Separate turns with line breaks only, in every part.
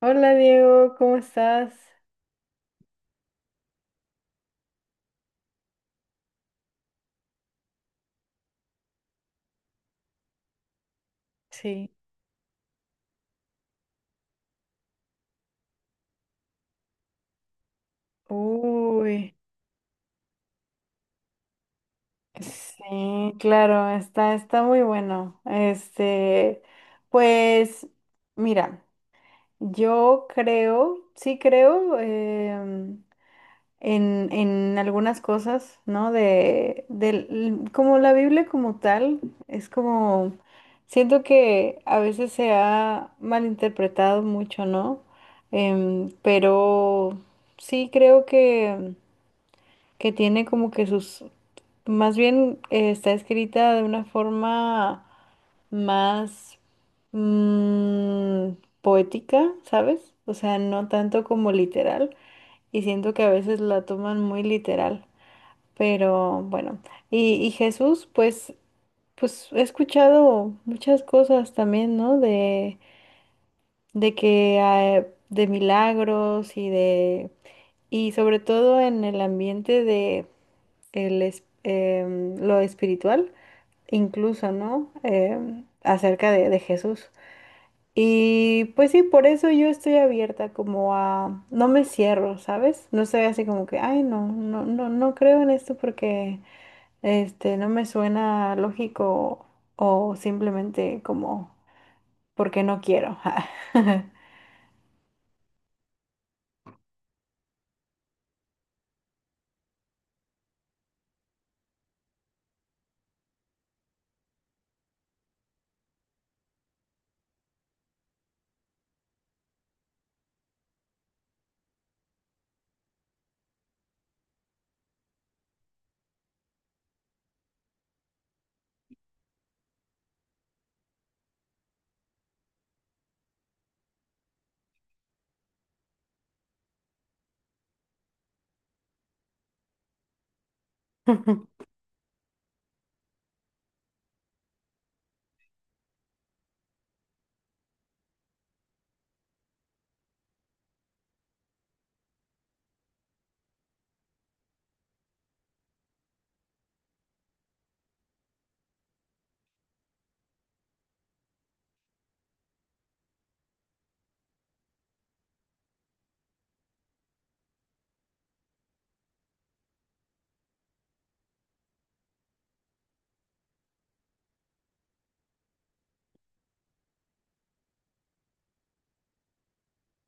Hola Diego, ¿cómo estás? Sí. Uy, sí, claro, está muy bueno. Este, pues, mira, yo creo, sí creo en algunas cosas, ¿no? De, del, como la Biblia como tal, es como, siento que a veces se ha malinterpretado mucho, ¿no? Pero sí creo que tiene como que sus, más bien está escrita de una forma más mm, poética, ¿sabes? O sea, no tanto como literal, y siento que a veces la toman muy literal, pero bueno, y Jesús, pues he escuchado muchas cosas también, ¿no? De que, de milagros y de y sobre todo en el ambiente de lo espiritual, incluso, ¿no? Acerca de Jesús. Y pues sí, por eso yo estoy abierta no me cierro, ¿sabes? No soy así como que, ay, no, no, no, no creo en esto porque este no me suena lógico o simplemente como porque no quiero.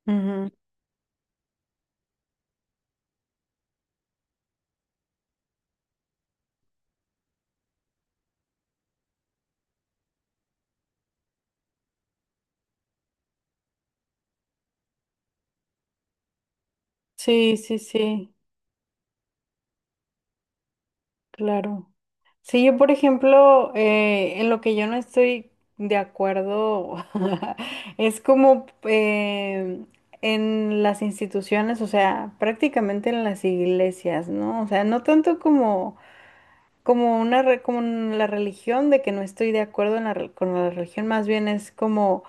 Ujú. Sí, sí, sí, claro. Sí, yo por ejemplo, en lo que yo no estoy de acuerdo. Es como en las instituciones, o sea, prácticamente en las iglesias, ¿no? O sea, no tanto como en la religión, de que no estoy de acuerdo en la re- con la religión, más bien es como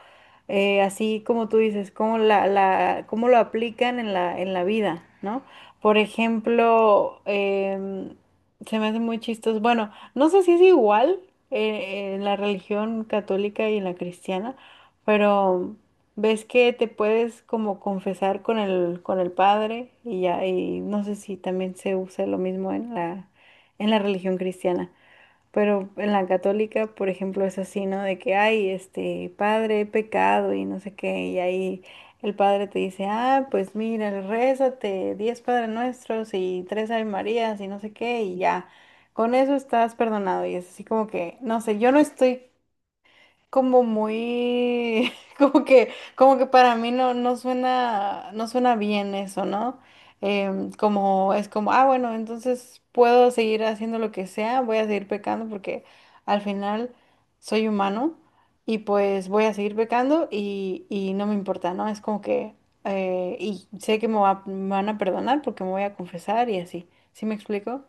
así como tú dices, cómo lo aplican en la vida, ¿no? Por ejemplo, se me hace muy chistoso. Bueno, no sé si es igual en la religión católica y en la cristiana, pero ves que te puedes como confesar con el padre y ya y no sé si también se usa lo mismo en la religión cristiana. Pero en la católica, por ejemplo, es así, ¿no? De que, ay, este, padre, he pecado y no sé qué, y ahí el padre te dice, ah, pues mira, rézate, 10 Padres Nuestros y tres Ave Marías y no sé qué, y ya, con eso estás perdonado. Y es así como que, no sé, yo no estoy como muy, como que para mí no suena bien eso, ¿no? Como es como, ah, bueno, entonces puedo seguir haciendo lo que sea, voy a seguir pecando porque al final soy humano y pues voy a seguir pecando y no me importa, ¿no? Es como que, y sé que me van a perdonar porque me voy a confesar y así. ¿Sí me explico?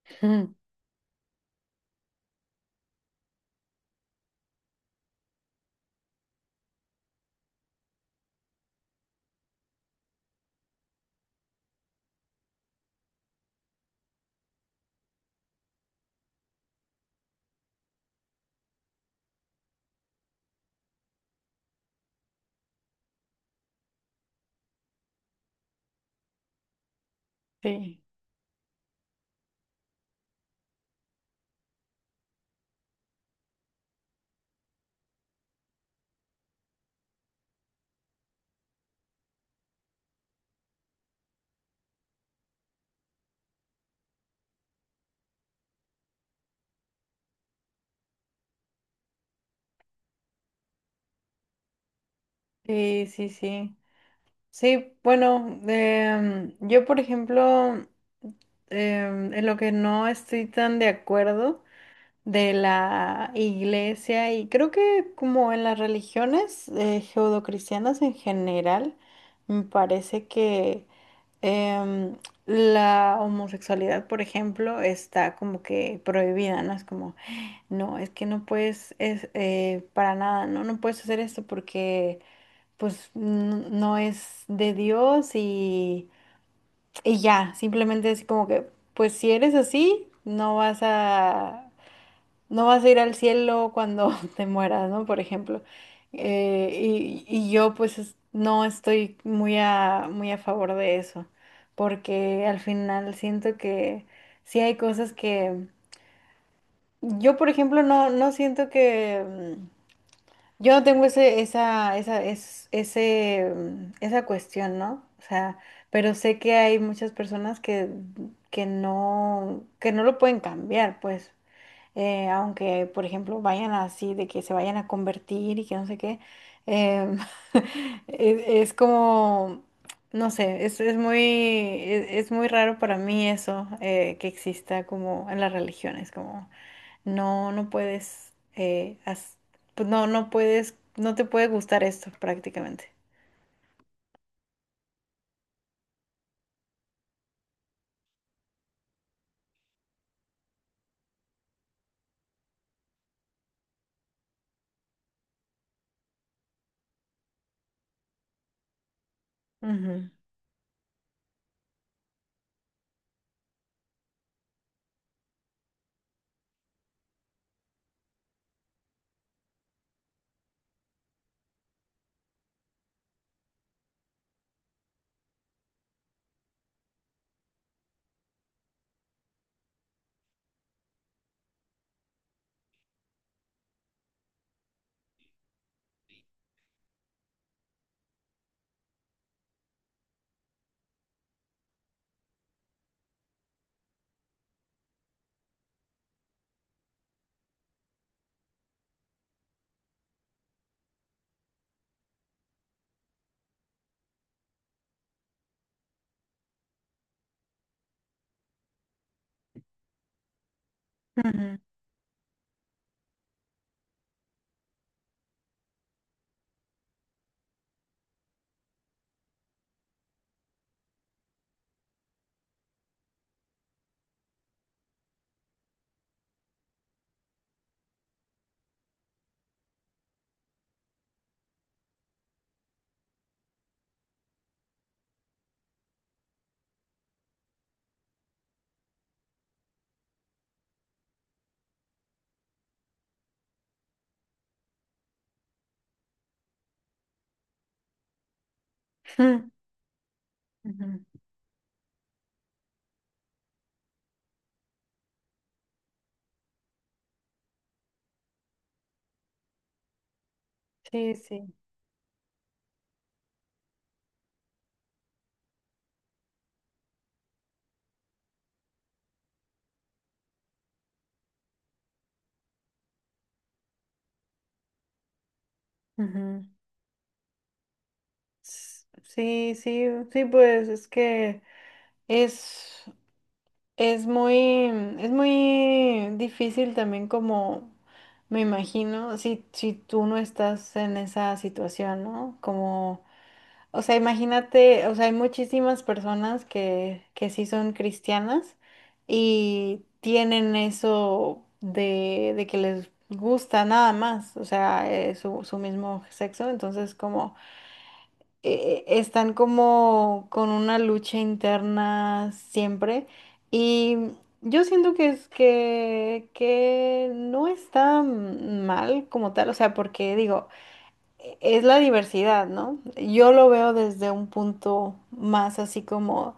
Sí. Sí, sí, sí. Sí, bueno, yo por ejemplo, en lo que no estoy tan de acuerdo de la iglesia y creo que como en las religiones judeocristianas en general, me parece que em, la homosexualidad, por ejemplo, está como que prohibida, ¿no? Es como, no, es que no puedes, para nada, ¿no? No puedes hacer esto porque pues no es de Dios y ya, simplemente así como que, pues si eres así, no vas a, no vas a ir al cielo cuando te mueras, ¿no? Por ejemplo. Y yo pues no estoy muy a, muy a favor de eso, porque al final siento que sí hay cosas que... Yo, por ejemplo, no, no siento que... Yo no tengo ese, esa, es, ese, mm, esa cuestión, ¿no? O sea, pero sé que hay muchas personas que no lo pueden cambiar, pues. Aunque, por ejemplo, vayan así, de que se vayan a convertir y que no sé qué. em, es como, no sé, es muy raro para mí eso, que exista como en las religiones, como. No puedes, pues no puedes, no te puede gustar esto prácticamente. Ujú, ujú, ujú, ujú. Sí, sí. Ujú. Sí, sí, sí, pues es que es, es muy, es muy difícil también como, me imagino, si tú no estás en esa situación, ¿no? Como. O sea, imagínate, o sea, hay muchísimas personas que sí son cristianas y tienen eso de que les gusta nada más, o sea, su mismo sexo, entonces como están como con una lucha interna siempre y yo siento que es que no está mal como tal, o sea, porque digo, es la diversidad, ¿no? Yo lo veo desde un punto más así como,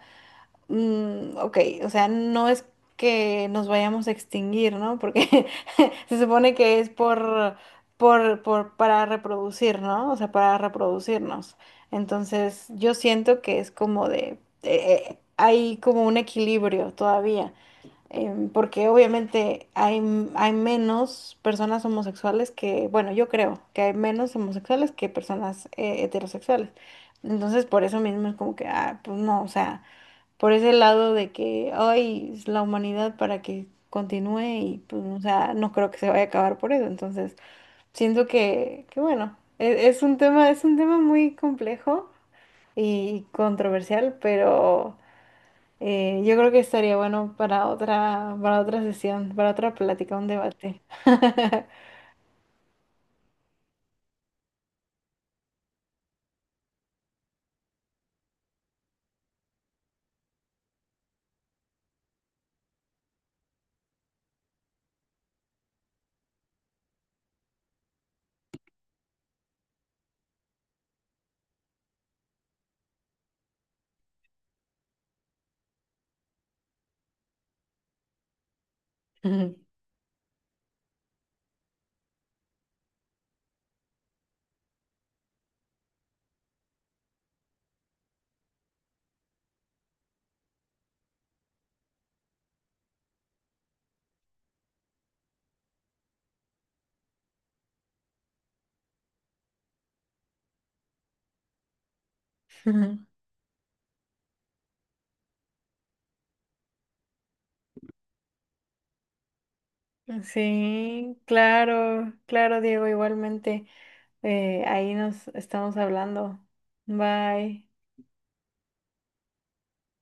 mm, ok, o sea, no es que nos vayamos a extinguir, ¿no? Porque se supone que es para reproducir, ¿no? O sea, para reproducirnos. Entonces, yo siento que es como de, hay como un equilibrio todavía porque obviamente hay menos personas homosexuales que, bueno, yo creo que hay menos homosexuales que personas heterosexuales. Entonces, por eso mismo es como que, ah, pues no, o sea, por ese lado de que, ay, es la humanidad para que continúe y, pues, o sea, no creo que se vaya a acabar por eso. Entonces, siento que bueno, es un tema muy complejo y controversial, pero... yo creo que estaría bueno para otra sesión, para otra plática, un debate. Ujú. Ujú. Sí, claro, claro, Diego, igualmente. Ahí nos estamos hablando. Bye.